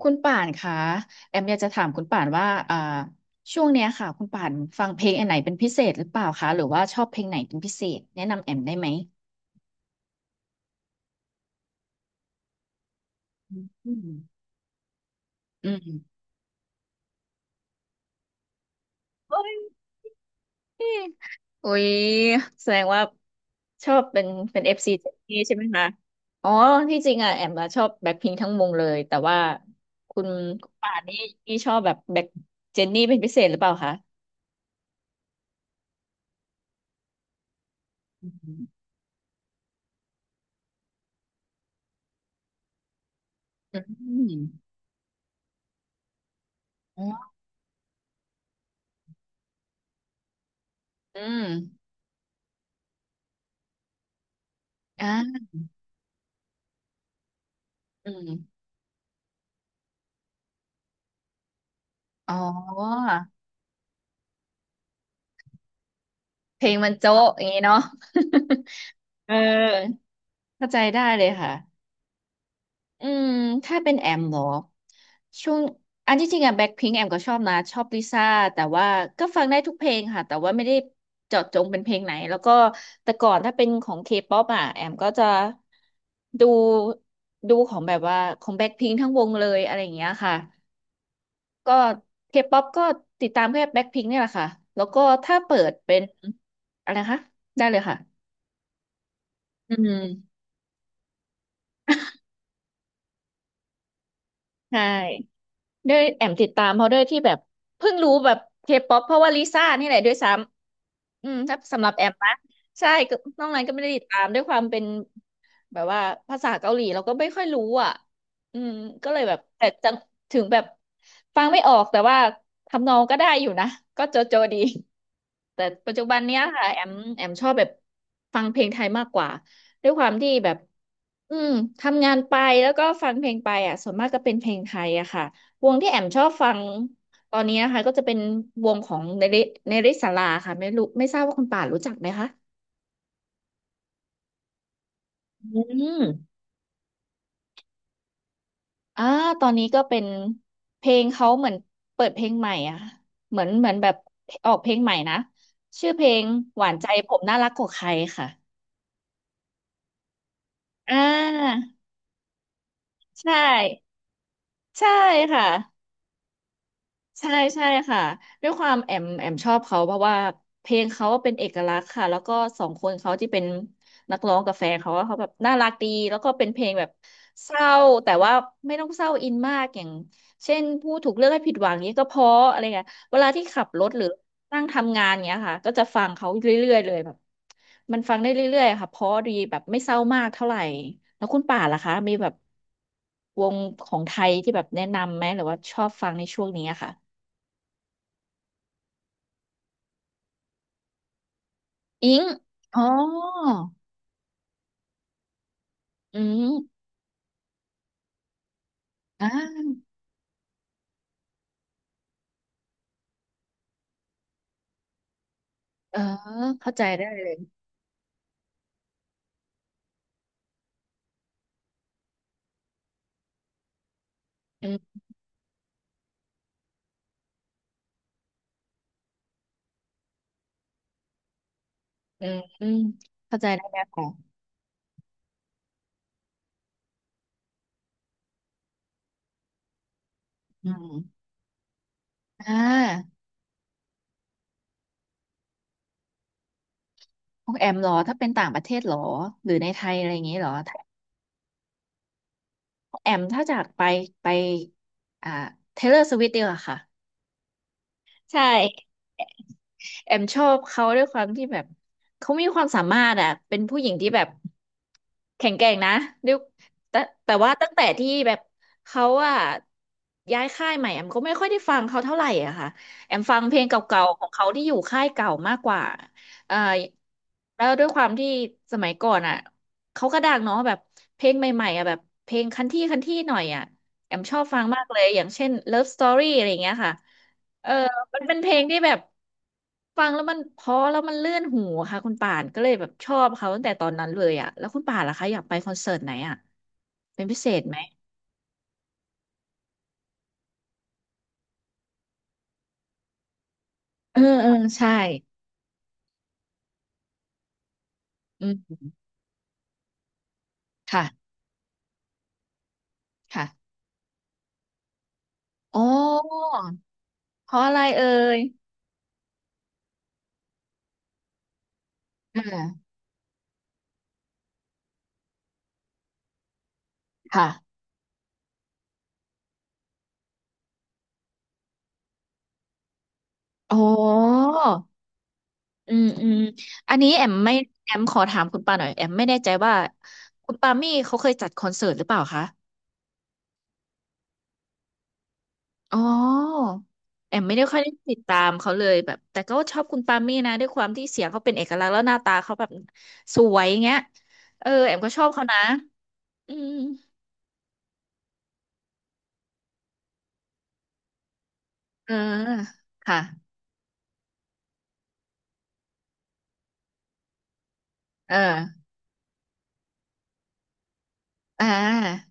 คุณป่านคะแอมอยากจะถามคุณป่านว่าช่วงเนี้ยค่ะคุณป่านฟังเพลงอันไหนเป็นพิเศษหรือเปล่าคะหรือว่าชอบเพลงไหนเป็นพิเศษแนะนำแอมได้ไหมอืมอืมโอ้ยอุ๊ยแสดงว่าชอบเป็นเอฟซีนี่ใช่ไหมคะอ๋อที่จริงอ่ะแอมอะชอบแบ็คพิงทั้งวงเลยแต่ว่าคุณคุณป่านนี่ชอบแบบแบ็คเจนนี่เป็นพิเศษหรือเปล่าคะอืมอืมอออืมอ่าอืม อ๋อเพลงมันโจ๊ะอย่างงี้เนาะ เออเข้าใจได้เลยค่ะ อืมถ้าเป็นแอมเหรอช่วงอันที่จริงอะแบ็คพิงค์แอมก็ชอบนะชอบลิซ่าแต่ว่าก็ฟังได้ทุกเพลงค่ะแต่ว่าไม่ได้เจาะจงเป็นเพลงไหนแล้วก็แต่ก่อนถ้าเป็นของเคป๊อปอะแอมก็จะดูดูของแบบว่าของแบ็คพิงค์ทั้งวงเลยอะไรอย่างเงี้ยค่ะ ก็เคป๊อปก็ติดตามแค่แบ็คพิงค์เนี่ยแหละค่ะ แล้วก็ถ้าเปิดเป็นอะไรนะคะได้เลยค่ะอืม ใช่ ด้วยแอมติดตามเขาด้วยที่แบบเพิ่งรู้แบบเคป๊อปเพราะว่าลิซ่านี่แหละด้วยซ้ำอืมถ้าสำหรับแอมนะใช่ก็นอกนั้นก็ไม่ได้ติดตามด้วยความเป็นแบบว่าภาษาเกาหลีเราก็ไม่ค่อยรู้อ่ะอืมก็เลยแบบแต่จังถึงแบบฟังไม่ออกแต่ว่าทำนองก็ได้อยู่นะก็โจโจดีแต่ปัจจุบันเนี้ยค่ะแอมชอบแบบฟังเพลงไทยมากกว่าด้วยความที่แบบอืมทำงานไปแล้วก็ฟังเพลงไปอ่ะส่วนมากก็เป็นเพลงไทยอะค่ะ วงที่แอมชอบฟังตอนนี้นะคะก็จะเป็นวงของเนริเนริศาลาค่ะไม่รู้ไม่ทราบว่าคุณป่านรู้จักไหมคะอืมอ่าตอนนี้ก็เป็นเพลงเขาเหมือนเปิดเพลงใหม่อ่ะเหมือนแบบออกเพลงใหม่นะชื่อเพลงหวานใจผมน่ารักกว่าใครค่ะอ่าใช่ใช่ค่ะ ใช่ใช่ค่ะด้วยความแอมชอบเขาเพราะว่าเพลงเขาเป็นเอกลักษณ์ค่ะแล้วก็สองคนเขาที่เป็นนักร้องกับแฟนเขาว่าเขาแบบน่ารักดีแล้วก็เป็นเพลงแบบเศร้าแต่ว่าไม่ต้องเศร้าอินมากอย่างเช่นผู้ถูกเลือกให้ผิดหวังเนี้ยก็เพราะอะไรเงี้ยเวลาที่ขับรถหรือนั่งทำงานเนี้ยค่ะก็จะฟังเขาเรื่อยๆเลยแบบมันฟังได้เรื่อยๆค่ะเพราะดีแบบไม่เศร้ามากเท่าไหร่แล้วคุณป่านล่ะคะมีแบบวงของไทยที่แบบแนะนำไหมหรือว่าชอบฟังในช่วงนี้อะค่ะ อิงอ๋ออืมอ่าเออเข้าใจได้เลยอืมอืมอืมเข้าใจได้แล้วค่ะอืมอ่าของแอมเหรอ ถ้าเป็นต่างประเทศเหรอ หรือในไทยอะไรอย่างงี้เหรอถ้าของแอมถ้าจากไปอ่าเทเลอร์สวิฟต์ดีกว่าค่ะ ใช่แอมชอบเขาด้วยความที่แบบเขามีความสามารถอ่ะเป็นผู้หญิงที่แบบแข็งแกร่งนะด้วยแต่แต่ว่าตั้งแต่ที่แบบเขาอ่ะย้ายค่ายใหม่แอมก็ไม่ค่อยได้ฟังเขาเท่าไหร่อะค่ะแอมฟังเพลงเก่าๆของเขาที่อยู่ค่ายเก่ามากกว่าเอ่อแล้วด้วยความที่สมัยก่อนอ่ะเขาก็ดังเนาะแบบเพลงใหม่ๆอ่ะแบบเพลงคันที่คันที่หน่อยอ่ะแอมชอบฟังมากเลยอย่างเช่น Love Story อะไรอย่างเงี้ยค่ะเออ มันเป็นเพลงที่แบบฟังแล้วมันเพราะแล้วมันเลื่อนหูค่ะคุณป่านก็เลยแบบชอบเขาตั้งแต่ตอนนั้นเลยอ่ะแล้วคุณป่านล่ะคะอยากไปคอนเสิร์ตไหนอ่ะเป็นพิเศษไหมเออเออใช่อืมค่ะค่ะอ๋อเพราะอะไรเอ่ยอ่าค่ะอ๋ออืมอืมอันนี้แอมขอถามคุณป่าหน่อยแอมไม่แน่ใจว่าคุณปามี่เขาเคยจัดคอนเสิร์ตหรือเปล่าคะ อ๋อแอมไม่ได้ค่อยได้ติดตามเขาเลยแบบแต่ก็ชอบคุณปามี่นะด้วยความที่เสียงเขาเป็นเอกลักษณ์แล้วหน้าตาเขาแบบสวยเงี้ยเออแอมก็ชอบเขานะอืมเออค่ะเอออ่า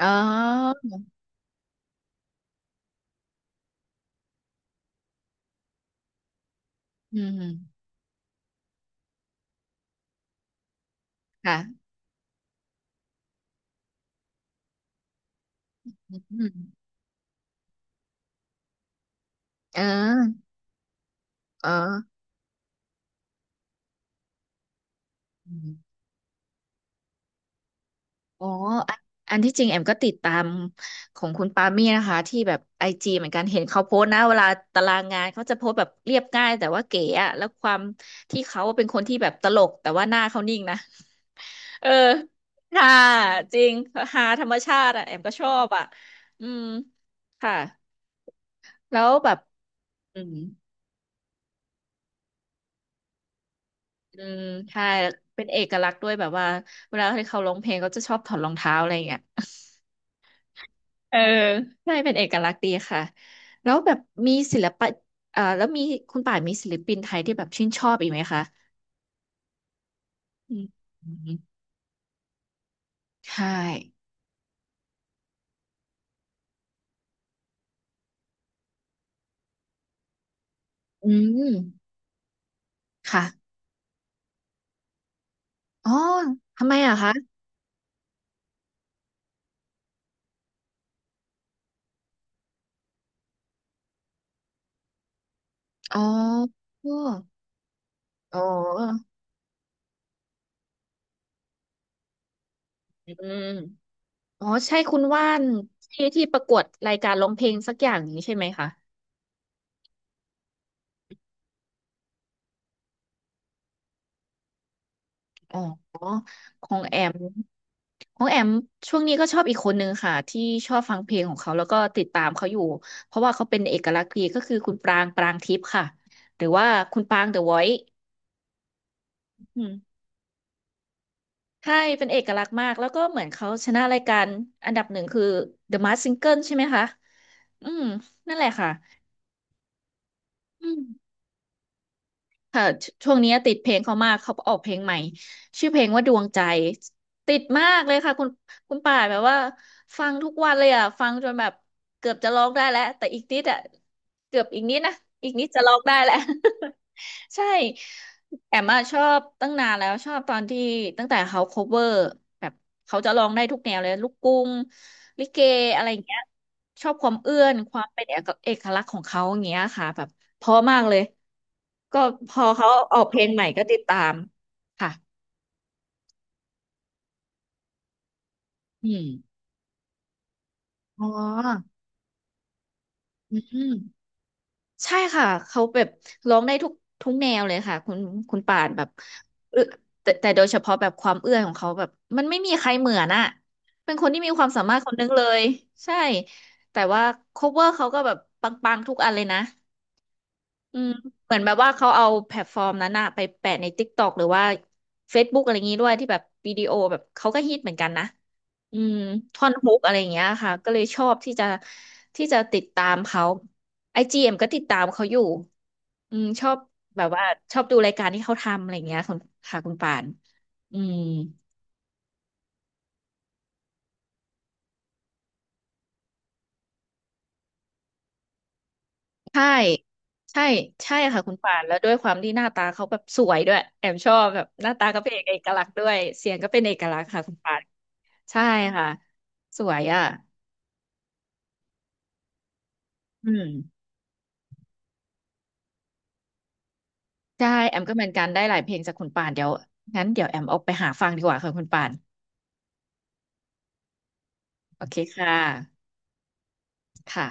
อ๋ออืมค่ะอืมเออเออ อ๋ออันอันที่จริงแอมก็ติดตามของคุณปามี่นะคะที่แบบไอจีเหมือนกันเห็นเขาโพสต์นะเวลาตารางงานเขาจะโพสต์แบบเรียบง่ายแต่ว่าเก๋อะแล้วความที่เขาเป็นคนที่แบบตลกแต่ว่าหน้าเขานิ่งนะ เออฮาจริงฮาธรรมชาติอะแอมก็ชอบอะอืมค่ะแล้วแบบอืมอืมใช่เป็นเอกลักษณ์ด้วยแบบว่าเวลาที่เขาร้องเพลงเขาจะชอบถอดรองเท้าอะไรอย่างเงี้ย เออใช่เป็นเอกลักษณ์ดีค่ะแล้วแบบมีศิลปะแล้วมีคุณป่านมีศิลปินไทยที่แบบชื่นชอบอีกไหมคะอืมอืมใช่อืมค่ะอ๋อทำไมอะคะอ๋ออออ๋ออืมอ๋อใช่คุณว่านที่ที่ประกวดรายการร้องเพลงสักอย่างนี้ใช่ไหมคะ อ๋อของแอมของแอมช่วงนี้ก็ชอบอีกคนนึงค่ะที่ชอบฟังเพลงของเขาแล้วก็ติดตามเขาอยู่เพราะว่าเขาเป็นเอกลักษณ์ดีก็คือคุณปรางปรางทิพย์ค่ะหรือว่าคุณปรางเดอะวอยซ์อืมใช่เป็นเอกลักษณ์มากแล้วก็เหมือนเขาชนะรายการอันดับหนึ่งคือ The Masked Singer ใช่ไหมคะอืมนั่นแหละค่ะอืม ค่ะชช่วงนี้ติดเพลงเขามาก เขาออกเพลงใหม่ ชื่อเพลงว่าดวงใจ ติดมากเลยค่ะคุณคุณป่าแบบว่าฟังทุกวันเลยอ่ะ ฟังจนแบบเกือบจะร้องได้แล้วแต่อีกนิดอ่ะเกือบอีกนิดนะอีกนิดจะร้องได้แล้ว ใช่ แอมอะชอบตั้งนานแล้วชอบตอนที่ตั้งแต่เขา cover แบบเขาจะร้องได้ทุกแนวเลยลูกกรุ้งลิเกอะไรอย่างเงี้ยชอบความเอื้อนความเป็นเอกลักษณ์ของเขาอย่างเงี้ยค่ะแบบเพราะมากเลยก็พอเขาออกเพลงใหม่ก็ติดตามค่ะอืมอ๋ออืม ใช่ค่ะเขาแบบร้องได้ทุกแนวเลยค่ะคุณคุณป่านแบบเออแต่แต่โดยเฉพาะแบบความเอื้อนของเขาแบบมันไม่มีใครเหมือนอะเป็นคนที่มีความสามารถคนนึงเลยใช่แต่ว่า cover เขาก็แบบปังๆทุกอันเลยนะอืมเหมือนแบบว่าเขาเอาแพลตฟอร์มนั้นอะไปแปะใน TikTok หรือว่า Facebook อะไรอย่างงี้ด้วยที่แบบวิดีโอแบบเขาก็ฮิตเหมือนกันนะอืมท่อนฮุกอะไรอย่างเงี้ยค่ะก็เลยชอบที่จะที่จะติดตามเขาไอจีเอ็มก็ติดตามเขาอยู่ อืมชอบแบบว่าชอบดูรายการที่เขาทำอะไรอย่างเงี้ยคุณค่ะคุณป่านอืมใช่ใช่ใช่ค่ะคุณป่านแล้วด้วยความที่หน้าตาเขาแบบสวยด้วยแอมชอบแบบหน้าตาก็เป็นเอกลักษณ์ด้วยเสียงก็เป็นเอกลักษณ์ค่ะคุณป่านใช่ค่ะสวยอ่ะอืมใช่แอมก็เหมือนกันได้หลายเพลงจากคุณป่านเดี๋ยวงั้นเดี๋ยวแอมออกไปหาฟังดีกว่าค่ะคุณป่านโอเคค่ะค่ะ